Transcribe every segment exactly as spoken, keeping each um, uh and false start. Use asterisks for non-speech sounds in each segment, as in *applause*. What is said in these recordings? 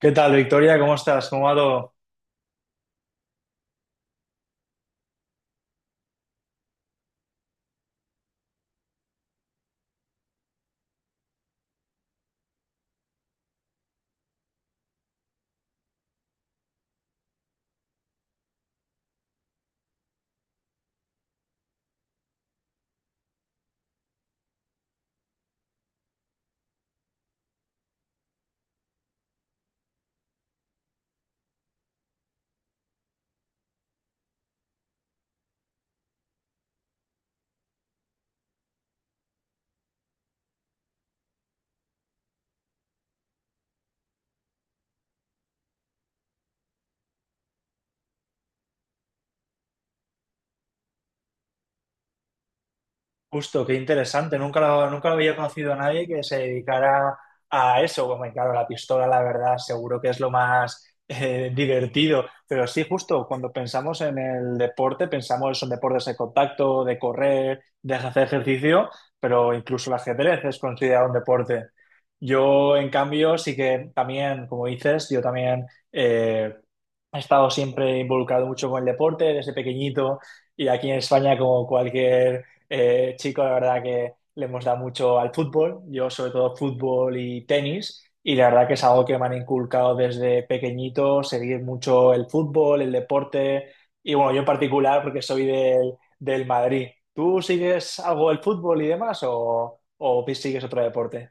¿Qué tal, Victoria? ¿Cómo estás? ¿Cómo va todo? Justo, qué interesante. Nunca lo, nunca lo había conocido a nadie que se dedicara a eso. Bueno, y claro, la pistola, la verdad, seguro que es lo más *laughs* eh, divertido. Pero sí, justo, cuando pensamos en el deporte, pensamos en deportes de contacto, de correr, de hacer ejercicio, pero incluso el ajedrez es considerado un deporte. Yo, en cambio, sí que también, como dices, yo también eh, he estado siempre involucrado mucho con el deporte desde pequeñito y aquí en España, como cualquier eh, chico, la verdad que le hemos dado mucho al fútbol, yo sobre todo fútbol y tenis, y la verdad que es algo que me han inculcado desde pequeñito, seguir mucho el fútbol, el deporte, y bueno, yo en particular porque soy del, del Madrid. ¿Tú sigues algo del fútbol y demás o, o sigues otro deporte?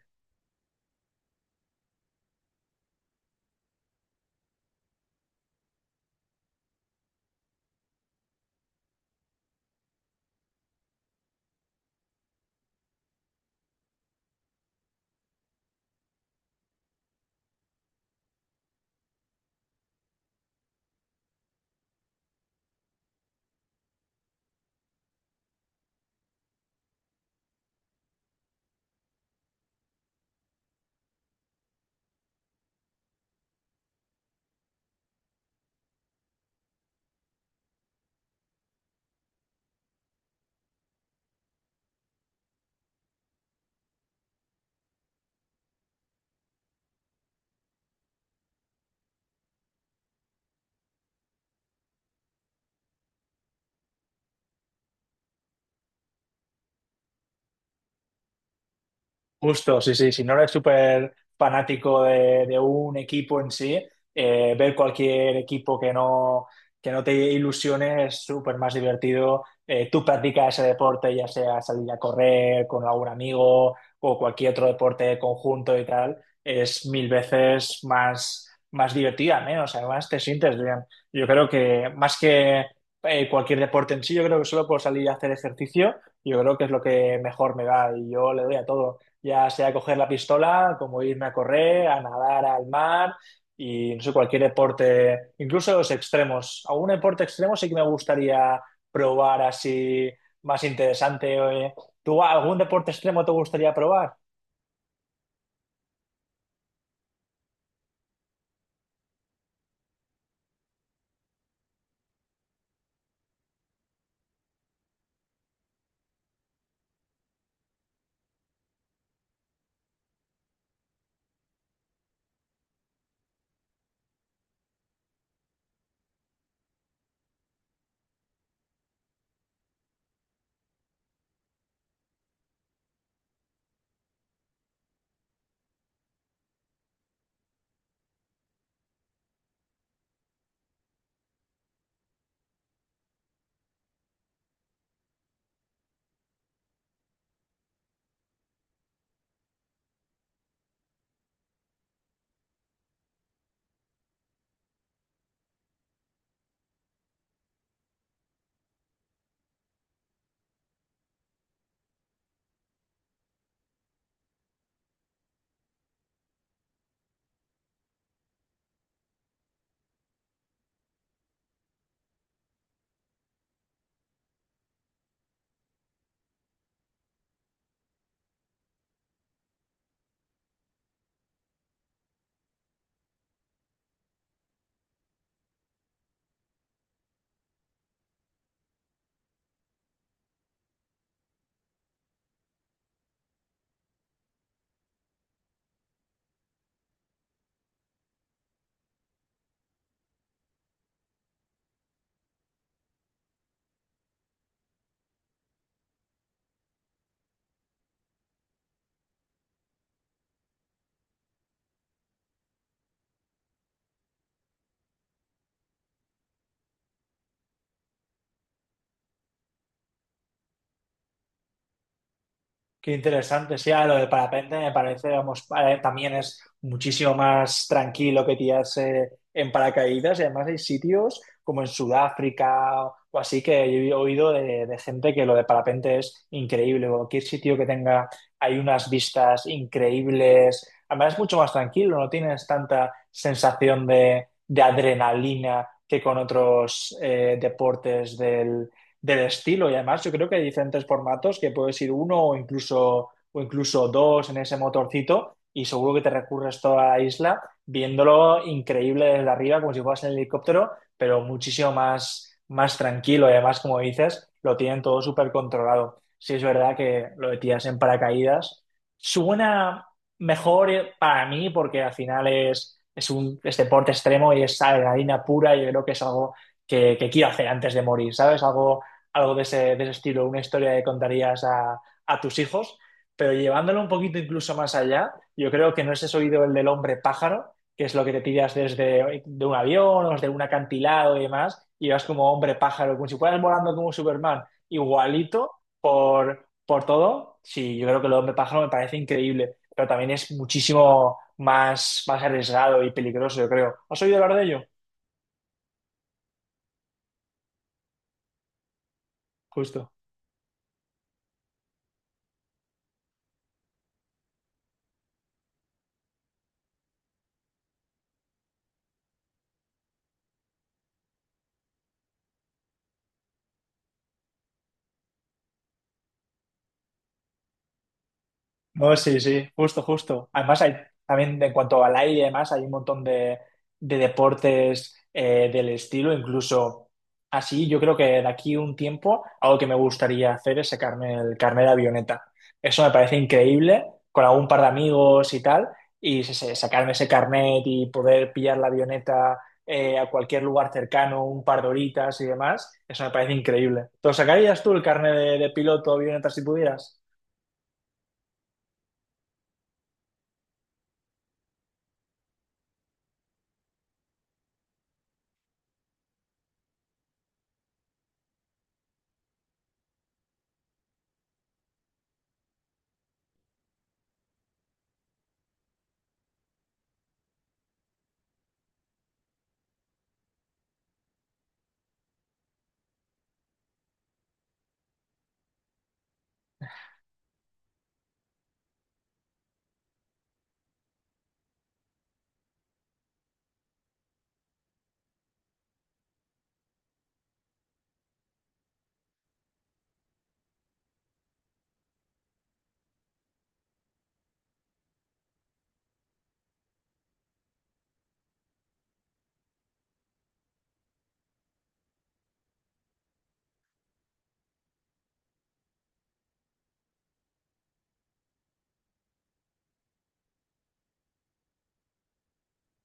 Justo, sí, sí. Si no eres súper fanático de, de un equipo en sí, eh, ver cualquier equipo que no, que no te ilusione es súper más divertido. Eh, tú practicas ese deporte, ya sea salir a correr con algún amigo o cualquier otro deporte conjunto y tal, es mil veces más, más divertida, menos. Además, te sientes bien. Yo creo que más que eh, cualquier deporte en sí, yo creo que solo por salir a hacer ejercicio, yo creo que es lo que mejor me va y yo le doy a todo ya sea coger la pistola, como irme a correr, a nadar al mar y no sé, cualquier deporte, incluso los extremos. Algún deporte extremo sí que me gustaría probar así más interesante. eh. ¿Tú algún deporte extremo te gustaría probar? Qué interesante, sí, ahora lo de parapente me parece, vamos, para- también es muchísimo más tranquilo que tirarse en paracaídas y además hay sitios como en Sudáfrica o así que he oído de, de gente que lo de parapente es increíble, cualquier sitio que tenga hay unas vistas increíbles, además es mucho más tranquilo, no tienes tanta sensación de, de adrenalina que con otros eh, deportes del estilo. Y además yo creo que hay diferentes formatos que puedes ir uno o incluso, o incluso dos en ese motorcito y seguro que te recurres toda la isla viéndolo increíble desde arriba como si fueras en el helicóptero, pero muchísimo más, más tranquilo. Y además, como dices, lo tienen todo súper controlado. Sí es verdad que lo de tiras en paracaídas suena mejor eh, para mí porque al final es, es un es deporte extremo y es adrenalina pura y yo creo que es algo que, que quiero hacer antes de morir, ¿sabes? Algo algo de ese, de ese estilo, una historia que contarías a, a tus hijos, pero llevándolo un poquito incluso más allá, yo creo que no es ese oído el del hombre pájaro, que es lo que te tiras desde de un avión o desde un acantilado y demás, y vas como hombre pájaro, como si fueras volando como Superman, igualito por, por todo. Sí, yo creo que el hombre pájaro me parece increíble, pero también es muchísimo más, más arriesgado y peligroso, yo creo. ¿Has oído hablar de ello? Justo. No, sí, sí, justo, justo. Además, hay, también en cuanto al aire y demás, hay un montón de, de deportes eh, del estilo, incluso así, yo creo que de aquí un tiempo, algo que me gustaría hacer es sacarme el carnet de avioneta. Eso me parece increíble, con algún par de amigos y tal, y se- se- sacarme ese carnet y poder pillar la avioneta eh, a cualquier lugar cercano, un par de horitas y demás, eso me parece increíble. ¿Te lo sacarías tú el carnet de, de piloto de avioneta si pudieras?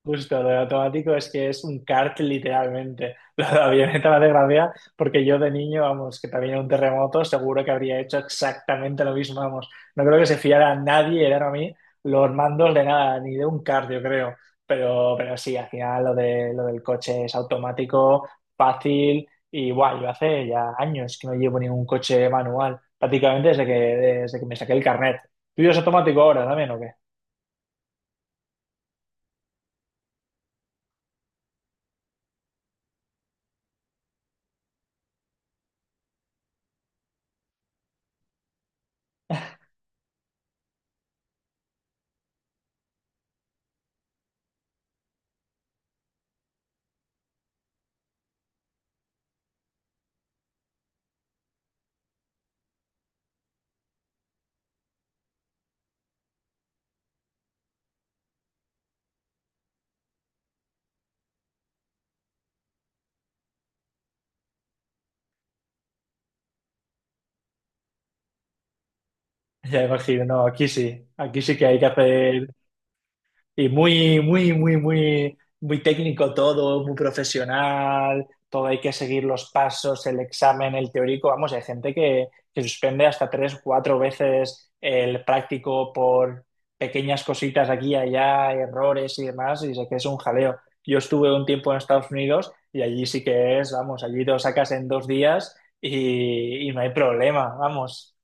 Justo, lo de automático es que es un kart literalmente. *laughs* Lo de la avioneta me hace gracia porque yo de niño, vamos, que también era un terremoto, seguro que habría hecho exactamente lo mismo, vamos. No creo que se fiara a nadie, era a mí, los mandos de nada, ni de un kart, yo creo. Pero, pero sí, al final lo de, lo del coche es automático, fácil y guay. Yo hace ya años que no llevo ningún coche manual, prácticamente desde que, desde que me saqué el carnet. ¿Tú ya es automático ahora también o qué? Ya imagino, no, aquí sí, aquí sí que hay que hacer, y muy, muy, muy, muy, muy técnico todo, muy profesional, todo hay que seguir los pasos, el examen, el teórico, vamos, hay gente que, que suspende hasta tres, cuatro veces el práctico por pequeñas cositas aquí y allá, errores y demás, y sé que es un jaleo. Yo estuve un tiempo en Estados Unidos y allí sí que es, vamos, allí lo sacas en dos días y, y no hay problema, vamos,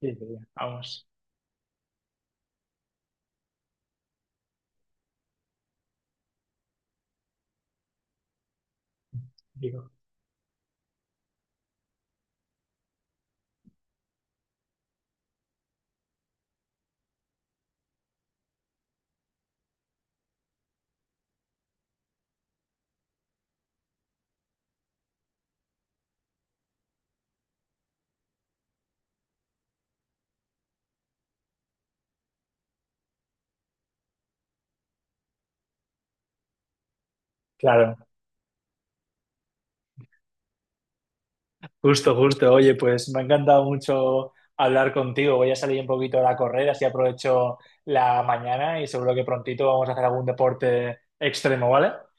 sí, sí, vamos, digo. Claro, justo, justo. Oye, pues me ha encantado mucho hablar contigo. Voy a salir un poquito a correr, así aprovecho la mañana y seguro que prontito vamos a hacer algún deporte extremo, ¿vale?